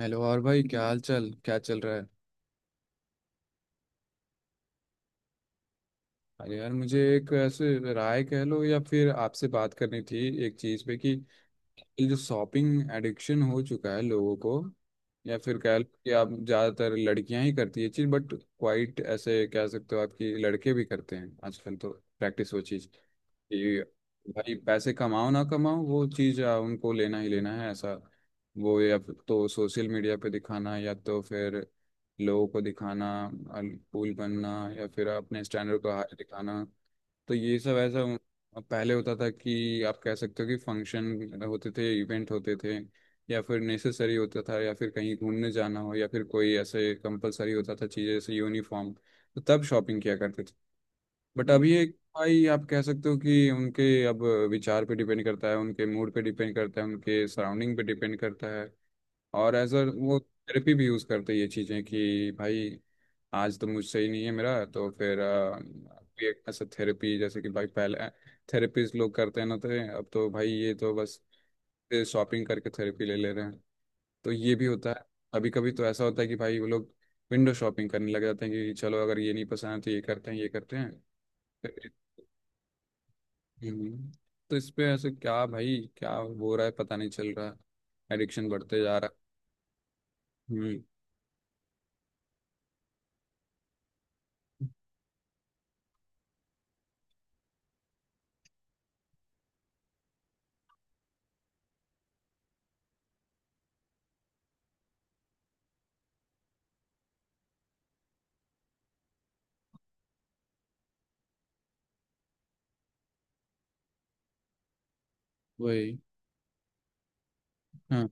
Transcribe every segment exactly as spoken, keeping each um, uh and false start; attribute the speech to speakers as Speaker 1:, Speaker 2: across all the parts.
Speaker 1: Hello और भाई, क्या हाल चाल, क्या चल रहा है? अरे यार, मुझे एक ऐसे राय कह लो या फिर आपसे बात करनी थी एक चीज़ पे कि ये जो शॉपिंग एडिक्शन हो चुका है लोगों को, या फिर कह लो कि आप ज़्यादातर लड़कियां ही करती है चीज़, बट क्वाइट ऐसे कह सकते हो, आपकी लड़के भी करते हैं आजकल तो। प्रैक्टिस वो चीज़ कि भाई पैसे कमाओ ना कमाओ वो चीज आ, उनको लेना ही लेना है, ऐसा। वो या फिर तो सोशल मीडिया पे दिखाना या तो फिर लोगों को दिखाना, कूल बनना, या फिर अपने स्टैंडर्ड को हाई दिखाना। तो ये सब ऐसा। अब पहले होता था कि आप कह सकते हो कि फंक्शन होते थे, इवेंट होते थे, या फिर नेसेसरी होता था, या फिर कहीं घूमने जाना हो, या फिर कोई ऐसे कंपलसरी होता था चीज़, जैसे यूनिफॉर्म, तो तब शॉपिंग किया करते थे। बट अब ये भाई आप कह सकते हो कि उनके अब विचार पे डिपेंड करता है, उनके मूड पे डिपेंड करता है, उनके सराउंडिंग पे डिपेंड करता है। और एज अ वो थेरेपी भी यूज़ करते हैं ये चीज़ें कि भाई आज तो मुझसे ही नहीं है, मेरा तो फिर अ, भी एक ऐसा थेरेपी, जैसे कि भाई पहले थेरेपीज लोग करते हैं ना, तो अब तो भाई ये तो बस शॉपिंग करके थेरेपी ले ले रहे हैं। तो ये भी होता है। कभी कभी तो ऐसा होता है कि भाई वो लोग विंडो शॉपिंग करने लग जाते हैं कि चलो अगर ये नहीं पसंद है तो ये करते हैं, ये करते हैं। हम्म। तो इस पे ऐसे क्या भाई, क्या हो रहा है पता नहीं चल रहा है, एडिक्शन बढ़ते जा रहा है। हम्म। वही। हाँ,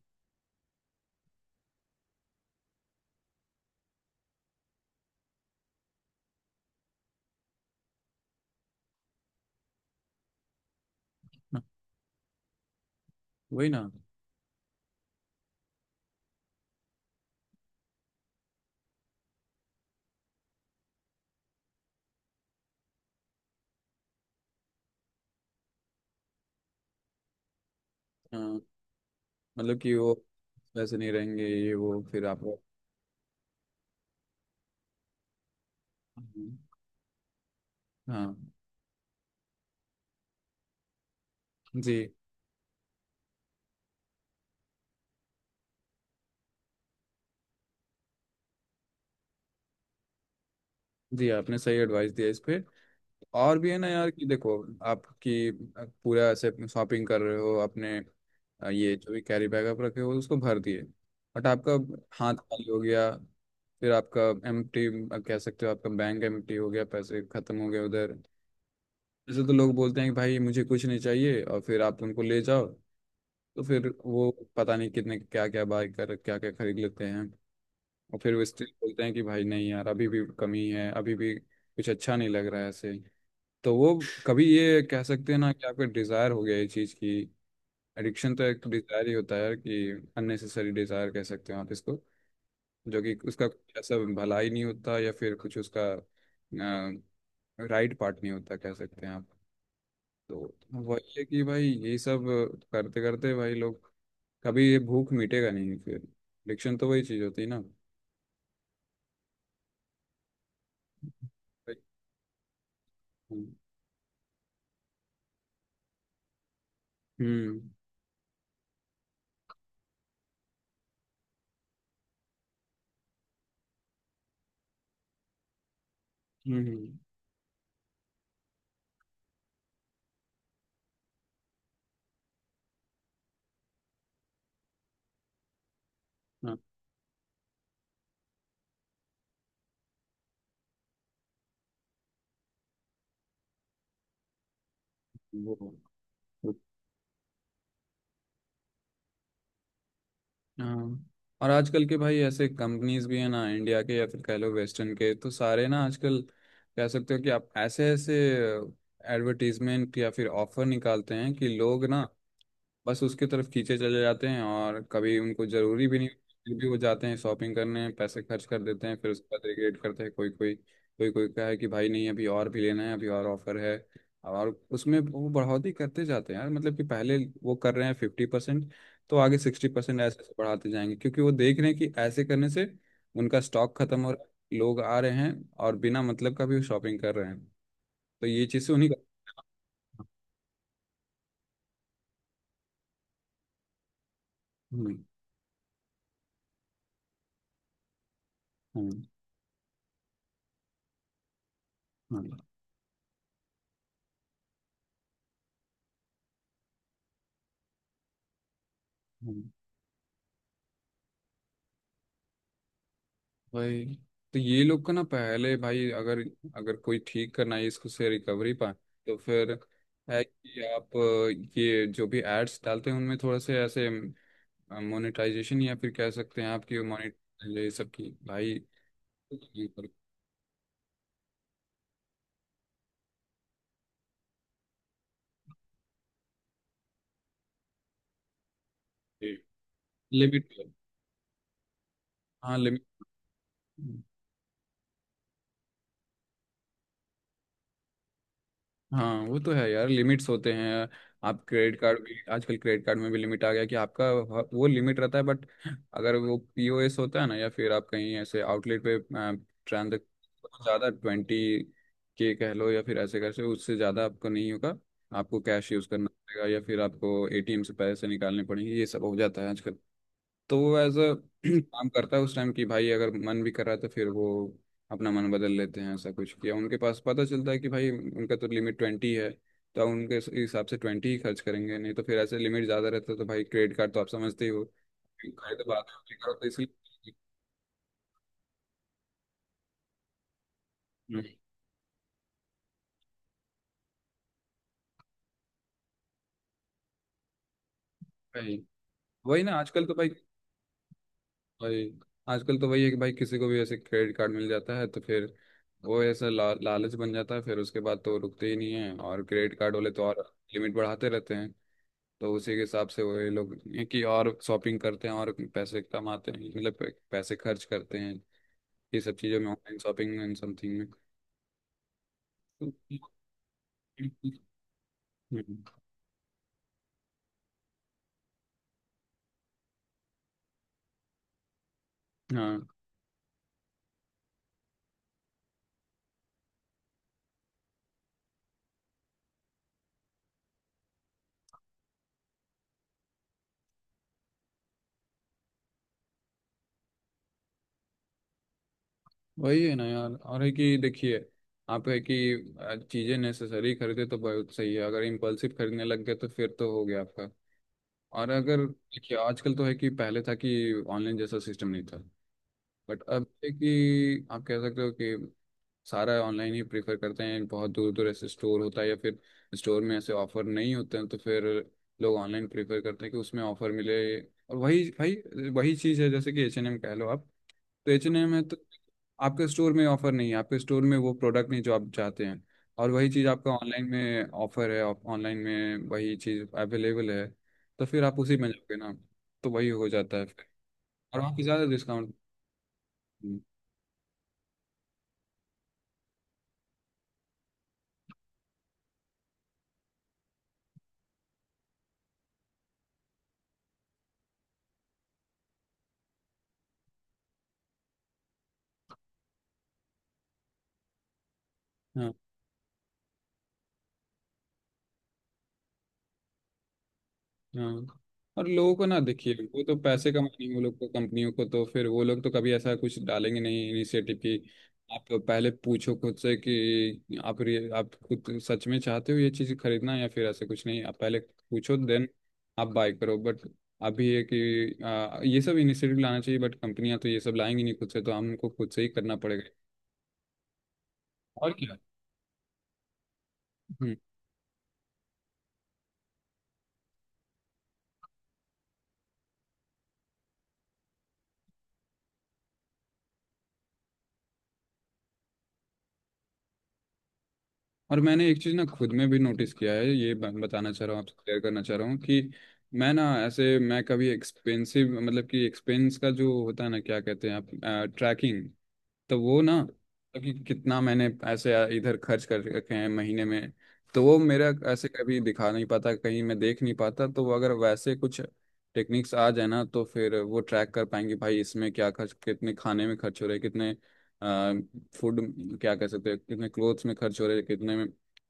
Speaker 1: हाँ, वही ना। हाँ। मतलब कि वो वैसे नहीं रहेंगे ये वो फिर आप। हम्म, हाँ। जी। जी, आपने सही एडवाइस दिया इस पे। और भी है ना यार कि देखो, आपकी पूरा ऐसे शॉपिंग कर रहे हो अपने, अ, ये जो भी कैरी बैग आप रखे हो उसको भर दिए। बट आपका हाथ खाली हो गया। फिर आपका एम्प्टी, कह सकते हो आपका बैंक एम्प्टी हो गया, पैसे खत्म हो गए उधर। जैसे तो लोग बोलते हैं कि भाई मुझे कुछ नहीं चाहिए, और फिर आप उनको ले जाओ तो फिर वो पता नहीं कितने क्या क्या बाय कर क्या क्या खरीद लेते हैं। और फिर वो स्टिल बोलते हैं कि भाई नहीं यार, अभी भी कमी है, अभी भी कुछ अच्छा नहीं लग रहा है ऐसे। तो वो कभी ये कह सकते हैं ना कि आपका डिज़ायर हो गया ये चीज़ की। एडिक्शन तो एक डिज़ायर ही होता है, कि अननेसेसरी डिज़ायर कह सकते हो आप इसको, जो कि उसका कुछ ऐसा भलाई नहीं होता या फिर कुछ उसका राइट पार्ट नहीं होता, कह सकते हैं आप। तो वही है कि भाई ये सब करते करते भाई लोग कभी ये भूख मिटेगा नहीं। फिर एडिक्शन तो वही चीज़ होती है ना। हम्म, हम्म, हम्म। हाँ वो। हाँ। और आजकल के भाई ऐसे कंपनीज भी हैं ना, इंडिया के या फिर कह लो वेस्टर्न के, तो सारे ना आजकल कह सकते हो कि आप ऐसे ऐसे एडवर्टीजमेंट या फिर ऑफर निकालते हैं कि लोग ना बस उसके तरफ खींचे चले जाते हैं, और कभी उनको जरूरी भी नहीं फिर भी वो जाते हैं शॉपिंग करने, पैसे खर्च कर देते हैं, फिर उसके बाद रिग्रेट करते हैं कोई कोई। कोई कोई कहे कि भाई नहीं, अभी और भी लेना है, अभी और ऑफर है। और उसमें वो बढ़ोतरी करते जाते हैं यार, मतलब कि पहले वो कर रहे हैं फिफ्टी परसेंट, तो आगे सिक्सटी परसेंट, ऐसे ऐसे बढ़ाते जाएंगे, क्योंकि वो देख रहे हैं कि ऐसे करने से उनका स्टॉक खत्म हो रहा है, लोग आ रहे हैं और बिना मतलब का भी शॉपिंग कर रहे हैं। तो ये चीज़ से उन्हीं का। हम्म, हम्म, हम्म। भाई, तो ये लोग का ना पहले भाई, अगर अगर कोई ठीक करना है इसको से रिकवरी पाए, तो फिर है कि आप अ, ये जो भी एड्स डालते हैं उनमें थोड़ा से ऐसे मोनेटाइजेशन, या फिर कह सकते हैं आपकी मोनेट, ये सब की भाई। लिमिट। हाँ लिमिट। हाँ, वो तो है यार, लिमिट्स होते हैं। आप क्रेडिट कार्ड भी आजकल, क्रेडिट कार्ड में भी लिमिट आ गया कि आपका ह- वो लिमिट रहता है, बट अगर वो पी ओ एस होता है ना, या फिर आप कहीं ऐसे आउटलेट पे ट्रांजेक्शन ज़्यादा ट्वेंटी के कह लो, या फिर ऐसे कैसे, उससे ज़्यादा आपको नहीं होगा। आपको कैश यूज़ करना पड़ेगा, या फिर आपको ए टी एम से पैसे निकालने पड़ेंगे, ये सब हो जाता है आजकल। तो वो एज अ काम करता है उस टाइम कि भाई, अगर मन भी कर रहा है तो फिर वो अपना मन बदल लेते हैं, ऐसा कुछ किया उनके पास, पता चलता है कि भाई उनका तो लिमिट ट्वेंटी है, तो अब उनके इस- हिसाब से ट्वेंटी ही खर्च करेंगे, नहीं तो फिर ऐसे लिमिट ज़्यादा रहता है तो भाई क्रेडिट कार्ड तो आप समझते ही हो। खरीद तो बात है, करो तो इसलिए। हम्म, भाई वही ना। आजकल तो भाई, भाई आजकल तो वही है कि भाई किसी को भी ऐसे क्रेडिट कार्ड मिल जाता है तो फिर वो ऐसा ला, लालच बन जाता है, फिर उसके बाद तो वो रुकते ही नहीं है, और क्रेडिट कार्ड वाले तो और लिमिट बढ़ाते रहते हैं। तो उसी के हिसाब से वही लोग ये कि और शॉपिंग करते हैं और पैसे कमाते हैं, मतलब पे- पैसे खर्च करते हैं, ये सब चीज़ों में, ऑनलाइन शॉपिंग एंड समथिंग में। हम्म, हाँ। वही है ना यार, और है कि देखिए, आप है कि अ, चीज़ें नेसेसरी खरीदे तो बहुत सही है, अगर इम्पल्सिव खरीदने लग गए तो फिर तो हो गया आपका। और अगर देखिए आजकल तो है कि पहले था कि ऑनलाइन जैसा सिस्टम नहीं था, बट अब है कि आप कह सकते हो कि सारा ऑनलाइन ही प्रेफर करते हैं। बहुत दूर दूर ऐसे स्टोर होता है या फिर स्टोर में ऐसे ऑफर नहीं होते हैं तो फिर लोग ऑनलाइन प्रेफर करते हैं कि उसमें ऑफर मिले। और वही भाई वही चीज़ है, जैसे कि एच एन एम कह लो आप, तो एच एन एम है तो आपके स्टोर में ऑफर नहीं है, आपके स्टोर में वो प्रोडक्ट नहीं जो आप चाहते हैं, और वही चीज़ आपका ऑनलाइन में ऑफर है, ऑनलाइन में वही चीज़ अवेलेबल है, तो फिर आप उसी में जाओगे ना, तो वही हो जाता है फिर, और वहाँ पे ज़्यादा डिस्काउंट। हाँ, हाँ। और लोगों को ना देखिए, वो तो पैसे कमाएंगे वो लोग को, कंपनियों को, तो फिर वो लोग तो कभी ऐसा कुछ डालेंगे नहीं इनिशिएटिव की। आप पहले पूछो खुद से कि आप रि- आप खुद सच में चाहते हो ये चीज़ खरीदना या फिर ऐसा कुछ नहीं, आप पहले पूछो देन आप बाय करो। बट अभी ये कि आ, ये सब इनिशिएटिव लाना चाहिए, बट कंपनियां तो ये सब लाएंगी नहीं खुद से, तो हमको खुद से ही करना पड़ेगा। और क्या। और मैंने एक चीज़ ना खुद में भी नोटिस किया है, ये ब- बताना चाह रहा हूँ आपसे, क्लियर करना चाह रहा हूँ कि मैं ना, ऐसे मैं कभी एक्सपेंसिव, मतलब कि एक्सपेंस का जो होता है ना, क्या कहते हैं आप, ट्रैकिंग। तो वो ना, कि कितना मैंने ऐसे इधर खर्च कर रखे हैं महीने में, तो वो मेरा ऐसे कभी दिखा नहीं पाता, कहीं मैं देख नहीं पाता। तो वो अगर वैसे कुछ टेक्निक्स आ जाए ना, तो फिर वो ट्रैक कर पाएंगे भाई, इसमें क्या खर्च, कितने खाने में खर्च हो रहे, कितने फूड, क्या कह सकते हैं, कितने क्लोथ्स में खर्च हो रहे, कितने में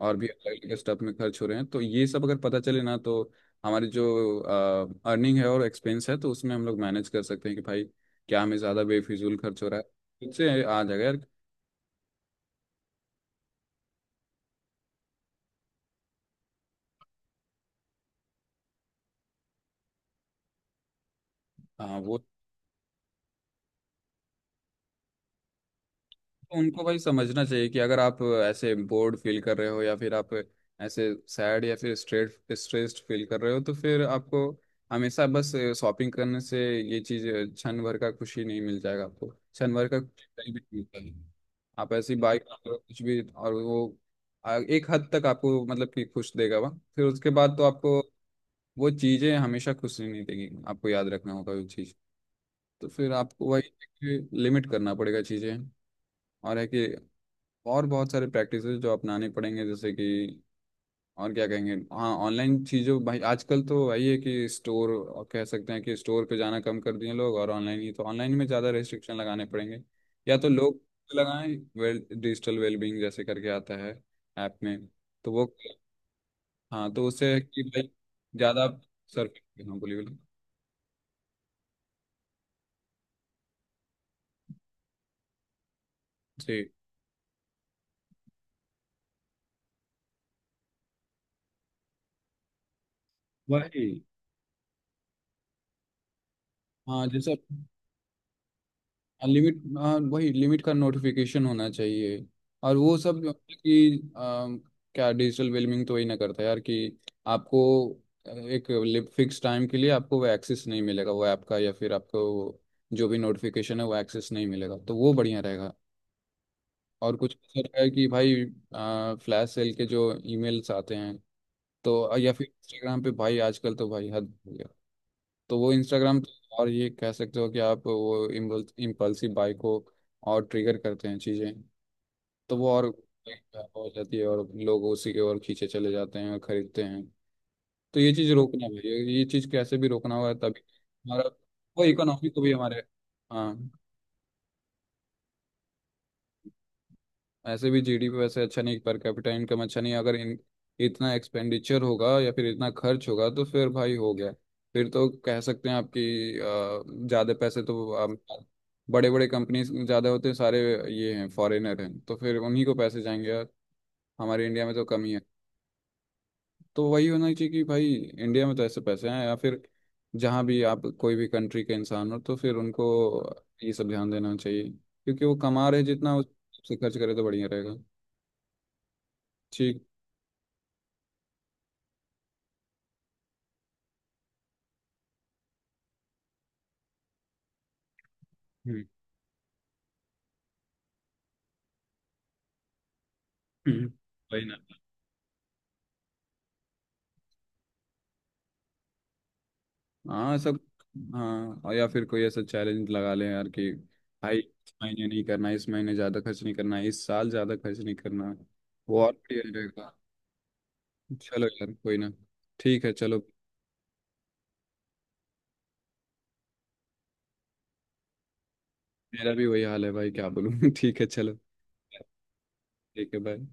Speaker 1: और भी अलग अलग स्टफ में खर्च हो रहे हैं। तो ये सब अगर पता चले ना, तो हमारी जो अर्निंग है और एक्सपेंस है, तो उसमें हम लोग मैनेज कर सकते हैं कि भाई क्या हमें ज़्यादा बेफिजूल खर्च हो रहा है। खुद से आ जाएगा यार। हाँ वो। तो उनको भाई समझना चाहिए कि अगर आप ऐसे बोर्ड फील कर रहे हो, या फिर आप ऐसे सैड या फिर स्ट्रेट स्ट्रेस्ड फील कर रहे हो, तो फिर आपको हमेशा बस शॉपिंग करने से ये चीज़ क्षण भर का खुशी नहीं मिल जाएगा। आपको क्षण भर का खुशी कहीं भी नहीं मिलता है। आप ऐसी बाइक कुछ भी, और वो आ, एक हद तक आपको मतलब कि खुश देगा वह, फिर उसके बाद तो आपको वो चीज़ें हमेशा खुशी नहीं देगी, आपको याद रखना होगा वो चीज़। तो फिर आपको वही लिमिट करना पड़ेगा चीज़ें। और है कि और बहुत सारे प्रैक्टिसेस जो अपनाने पड़ेंगे, जैसे कि और क्या कहेंगे, हाँ, ऑनलाइन चीज़ों भाई आजकल तो वही है कि स्टोर, और कह सकते हैं कि स्टोर पे जाना कम कर दिए लोग, और ऑनलाइन ही तो, ऑनलाइन में ज़्यादा रेस्ट्रिक्शन लगाने पड़ेंगे या तो लोग लगाएं। वेल डिजिटल वेलबींग जैसे करके आता है ऐप में, तो वो। हाँ, तो उससे है कि भाई, ज़्यादा सर्फिंग, बोलिए बोलिए। जी, वही। हाँ जैसे लिमिट। हाँ वही लिमिट का नोटिफिकेशन होना चाहिए, और वो सब मतलब कि अम, क्या डिजिटल वेलमिंग तो वही ना करता है यार, कि आपको अ, एक फिक्स टाइम के लिए आपको वो एक्सेस नहीं मिलेगा वो ऐप का, या फिर आपको जो भी नोटिफिकेशन है वो एक्सेस नहीं मिलेगा, तो वो बढ़िया रहेगा। और कुछ ऐसा है कि भाई, फ्लैश सेल के जो ईमेल्स आते हैं, तो या फिर इंस्टाग्राम पे भाई आजकल तो भाई हद हो गया, तो वो इंस्टाग्राम और ये कह सकते हो कि आप वो इम्पल्सिव बाई को और ट्रिगर करते हैं चीज़ें, तो वो और हो जाती है, और लोग उसी के ओर खींचे चले जाते हैं और खरीदते हैं। तो ये चीज़ रोकना है, ये ये चीज़ कैसे भी रोकना होगा, तभी हमारा वो इकोनॉमी को भी हमारे। हाँ, ऐसे भी जी डी पी वैसे अच्छा नहीं, पर कैपिटा इनकम अच्छा नहीं, अगर इन इतना एक्सपेंडिचर होगा या फिर इतना खर्च होगा तो फिर भाई हो गया। फिर तो कह सकते हैं आपकी अ, ज़्यादा पैसे तो बड़े बड़े कंपनीज ज़्यादा होते हैं, सारे ये हैं फॉरेनर हैं, तो फिर उन्हीं को पैसे जाएंगे यार, हमारे इंडिया में तो कमी है। तो वही होना चाहिए कि भाई इंडिया में तो ऐसे पैसे हैं या फिर जहाँ भी आप कोई भी कंट्री के इंसान हो तो फिर उनको ये सब ध्यान देना चाहिए, क्योंकि वो कमा रहे जितना उससे खर्च करे तो बढ़िया रहेगा। ठीक। हम्म। हम्म। वही ना। हाँ सब। हाँ, और या फिर कोई ऐसा चैलेंज लगा लें यार कि भाई इस महीने नहीं करना, इस महीने ज़्यादा खर्च नहीं करना, इस साल ज़्यादा खर्च नहीं करना, वो और क्लियर रहेगा। चलो यार, कोई ना, ठीक है चलो। मेरा भी वही हाल है भाई, क्या बोलूँ ठीक है चलो, ठीक है भाई।